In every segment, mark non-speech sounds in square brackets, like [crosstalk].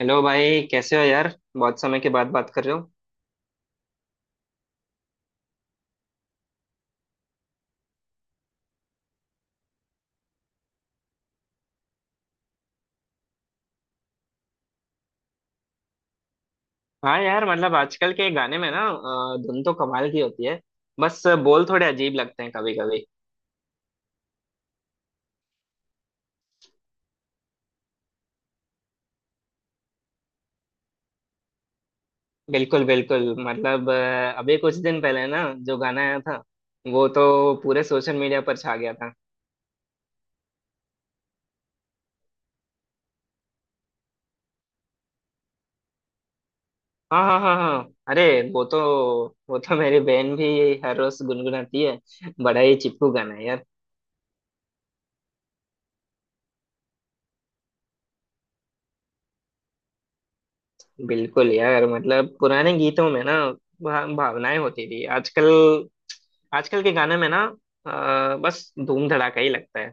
Hello भाई, कैसे हो यार? बहुत समय के बाद बात कर रहे हो। हाँ यार, मतलब आजकल के गाने में ना धुन तो कमाल की होती है। बस बोल थोड़े अजीब लगते हैं कभी कभी। बिल्कुल बिल्कुल, मतलब अभी कुछ दिन पहले ना जो गाना आया था वो तो पूरे सोशल मीडिया पर छा गया था। हाँ हाँ हाँ हाँ, अरे वो तो वो तो मेरी बहन भी हर रोज गुनगुनाती है। बड़ा ही चिपकू गाना है यार। बिल्कुल यार, मतलब पुराने गीतों में ना भावनाएं होती थी आजकल। आजकल के गाने में ना, अ, बस धूम धड़ाका ही लगता है।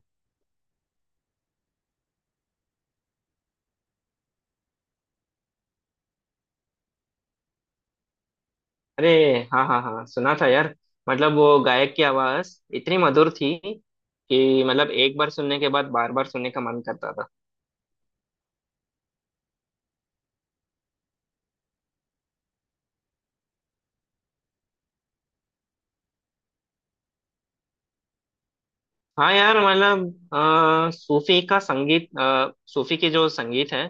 अरे, हाँ हाँ हाँ, सुना था यार। मतलब वो गायक की आवाज इतनी मधुर थी कि मतलब एक बार सुनने के बाद बार बार सुनने का मन करता था। हाँ यार, मतलब सूफी का संगीत, सूफी के जो संगीत है,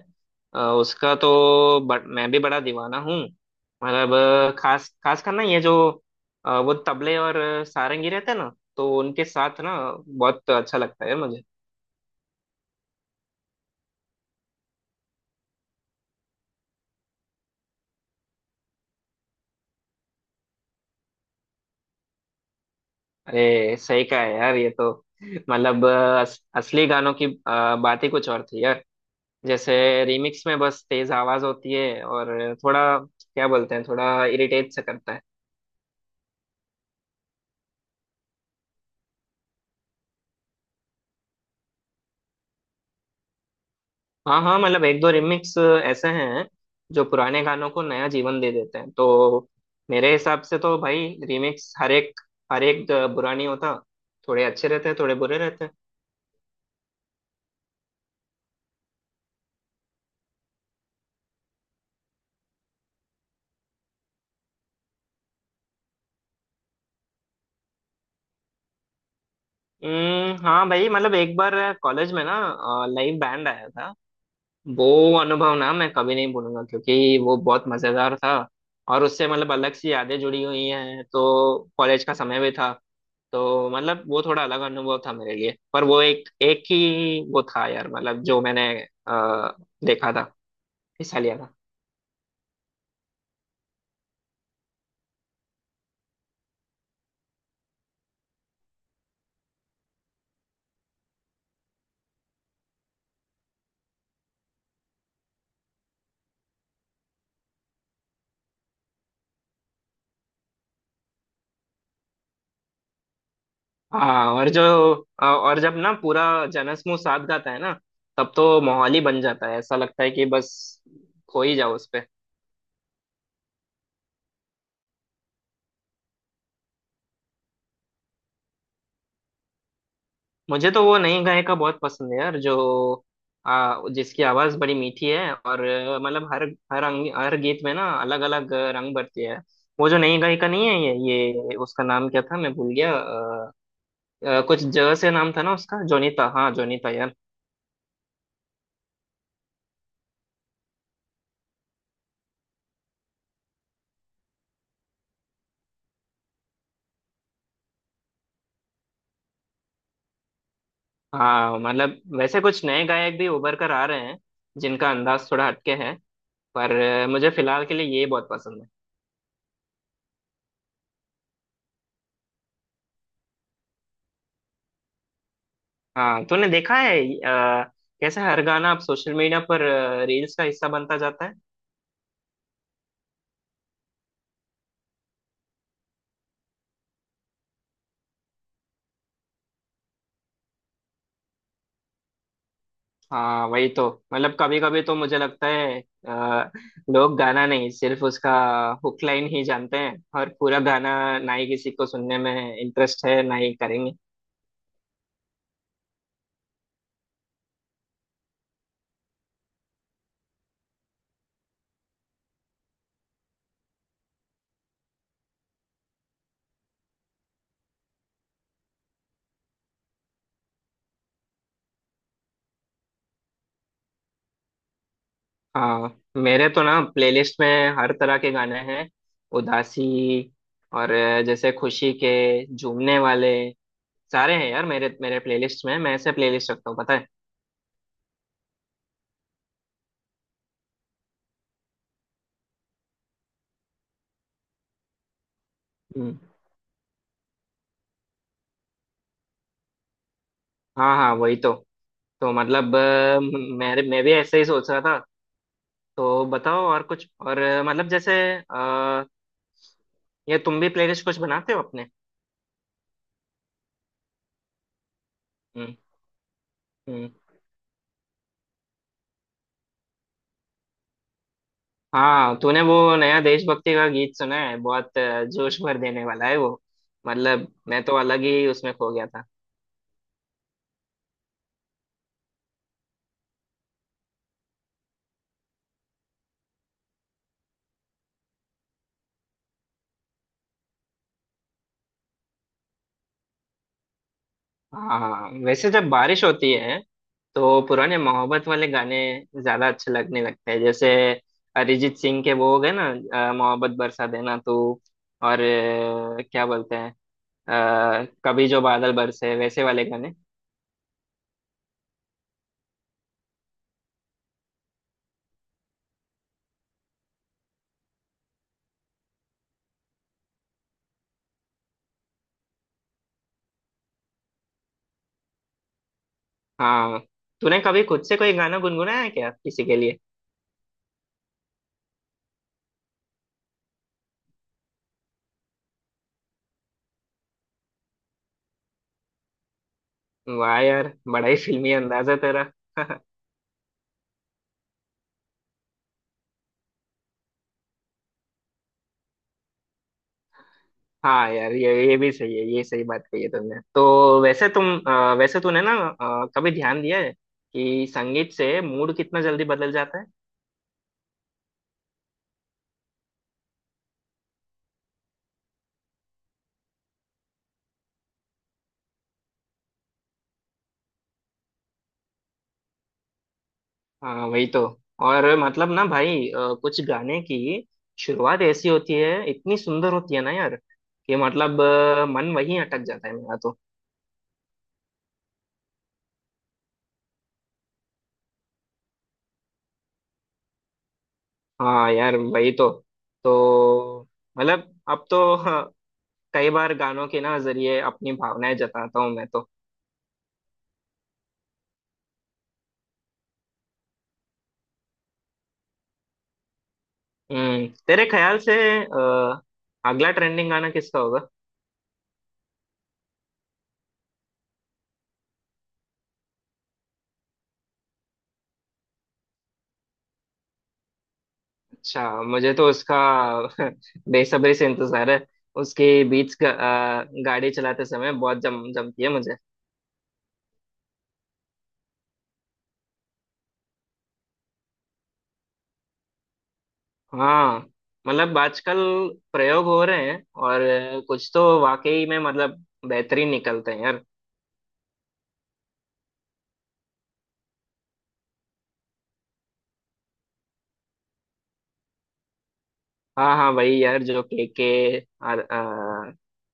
उसका तो मैं भी बड़ा दीवाना हूँ। मतलब खास खास कर ना, ये जो वो तबले और सारंगी रहते हैं ना तो उनके साथ ना बहुत अच्छा लगता है मुझे। अरे सही कहा है यार, ये तो मतलब असली गानों की बात ही कुछ और थी यार। जैसे रीमिक्स में बस तेज आवाज होती है और थोड़ा, क्या बोलते हैं, थोड़ा इरिटेट सा करता है। हाँ हाँ, मतलब एक दो रिमिक्स ऐसे हैं जो पुराने गानों को नया जीवन दे देते हैं। तो मेरे हिसाब से तो भाई, रीमिक्स हर एक, हर एक बुरा नहीं होता। थोड़े अच्छे रहते हैं, थोड़े बुरे रहते हैं। हम्म, हाँ भाई, मतलब एक बार कॉलेज में ना लाइव बैंड आया था। वो अनुभव ना मैं कभी नहीं भूलूंगा, क्योंकि वो बहुत मजेदार था। और उससे मतलब अलग सी यादें जुड़ी हुई हैं, तो कॉलेज का समय भी था। तो मतलब वो थोड़ा अलग अनुभव था मेरे लिए। पर वो एक एक ही वो था यार, मतलब जो मैंने अ, देखा था, हिस्सा लिया था। हाँ, और जब ना पूरा जनसमूह साथ गाता है ना, तब तो माहौल ही बन जाता है। ऐसा लगता है कि बस खो ही जाओ उस। मुझे तो वो नई गायिका बहुत पसंद है यार, जो जिसकी आवाज बड़ी मीठी है और मतलब हर हर अंग, हर गीत में ना अलग अलग रंग भरती है। वो जो नई गायिका नहीं है, ये उसका नाम क्या था, मैं भूल गया। कुछ जगह से नाम था ना उसका, जोनीता, हाँ जोनीता यार। हाँ, मतलब वैसे कुछ नए गायक भी उभर कर आ रहे हैं, जिनका अंदाज थोड़ा हटके है। पर मुझे फिलहाल के लिए ये बहुत पसंद है। हाँ तूने देखा है अ, कैसे हर गाना अब सोशल मीडिया पर रील्स का हिस्सा बनता जाता है? हाँ वही तो। मतलब कभी कभी तो मुझे लगता है, अ, लोग गाना नहीं, सिर्फ उसका हुक लाइन ही जानते हैं। और पूरा गाना ना ही किसी को सुनने में इंटरेस्ट है, ना ही करेंगे। हाँ, मेरे तो ना प्लेलिस्ट में हर तरह के गाने हैं। उदासी और जैसे खुशी के झूमने वाले, सारे हैं यार मेरे मेरे प्लेलिस्ट में। मैं ऐसे प्लेलिस्ट रखता हूँ, पता है। हम्म, हाँ हाँ, वही तो। तो मतलब अ, म- मेरे मैं भी ऐसे ही सोच रहा था। तो बताओ, और कुछ और मतलब जैसे अ, ये तुम भी प्लेलिस्ट कुछ बनाते हो अपने? हम्म। हम्म। हाँ, तूने वो नया देशभक्ति का गीत सुना है? बहुत जोश भर देने वाला है वो। मतलब मैं तो अलग ही उसमें खो गया था। हाँ हाँ, हाँ। वैसे जब बारिश होती है तो पुराने मोहब्बत वाले गाने ज्यादा अच्छे लगने लगते हैं। जैसे अरिजीत सिंह के वो हो गए ना, मोहब्बत बरसा देना तू, और क्या बोलते हैं, कभी जो बादल बरसे, वैसे वाले गाने। हाँ, तूने कभी खुद से कोई गाना गुनगुनाया है क्या किसी के लिए? वाह यार, बड़ा ही फिल्मी अंदाजा तेरा। [laughs] हाँ यार, ये भी सही है। ये सही बात कही है तुमने। तो वैसे वैसे तूने ना कभी ध्यान दिया है कि संगीत से मूड कितना जल्दी बदल जाता है? हाँ वही तो। और मतलब ना भाई, कुछ गाने की शुरुआत ऐसी होती है, इतनी सुंदर होती है ना यार, कि मतलब मन वहीं अटक जाता है मेरा तो। हाँ यार वही तो। तो मतलब अब तो [laughs] कई बार गानों के ना जरिए अपनी भावनाएं जताता हूँ मैं तो। हम्म। तेरे ख्याल से अ, अगला ट्रेंडिंग गाना किसका होगा? अच्छा, मुझे तो उसका [laughs] बेसब्री से इंतजार है। उसकी बीट्स गाड़ी चलाते समय बहुत जम जमती है मुझे। हाँ, मतलब आजकल प्रयोग हो रहे हैं, और कुछ तो वाकई में मतलब बेहतरीन निकलते हैं यार। हाँ हाँ, वही यार, जो के और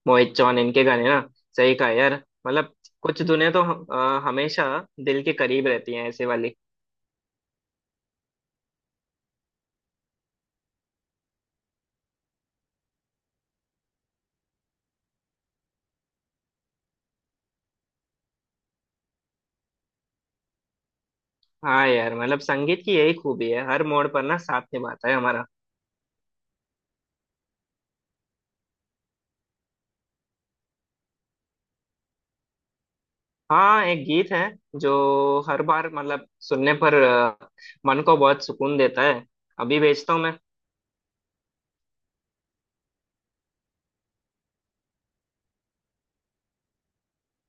मोहित चौहान, इनके गाने ना, सही कहा यार। मतलब कुछ धुनें तो हमेशा दिल के करीब रहती हैं, ऐसे वाली। हाँ यार, मतलब संगीत की यही खूबी है, हर मोड़ पर ना साथ निभाता है हमारा। हाँ, एक गीत है जो हर बार मतलब सुनने पर मन को बहुत सुकून देता है। अभी भेजता हूँ मैं।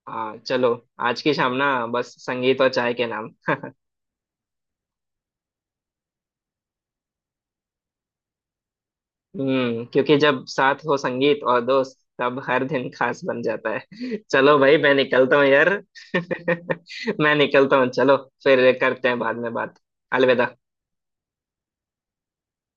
हाँ चलो, आज की शाम ना बस संगीत और चाय के नाम। क्योंकि जब साथ हो संगीत और दोस्त, तब हर दिन खास बन जाता है। चलो भाई, मैं निकलता हूँ यार। [laughs] मैं निकलता हूँ, चलो। फिर करते हैं बाद में बात। अलविदा।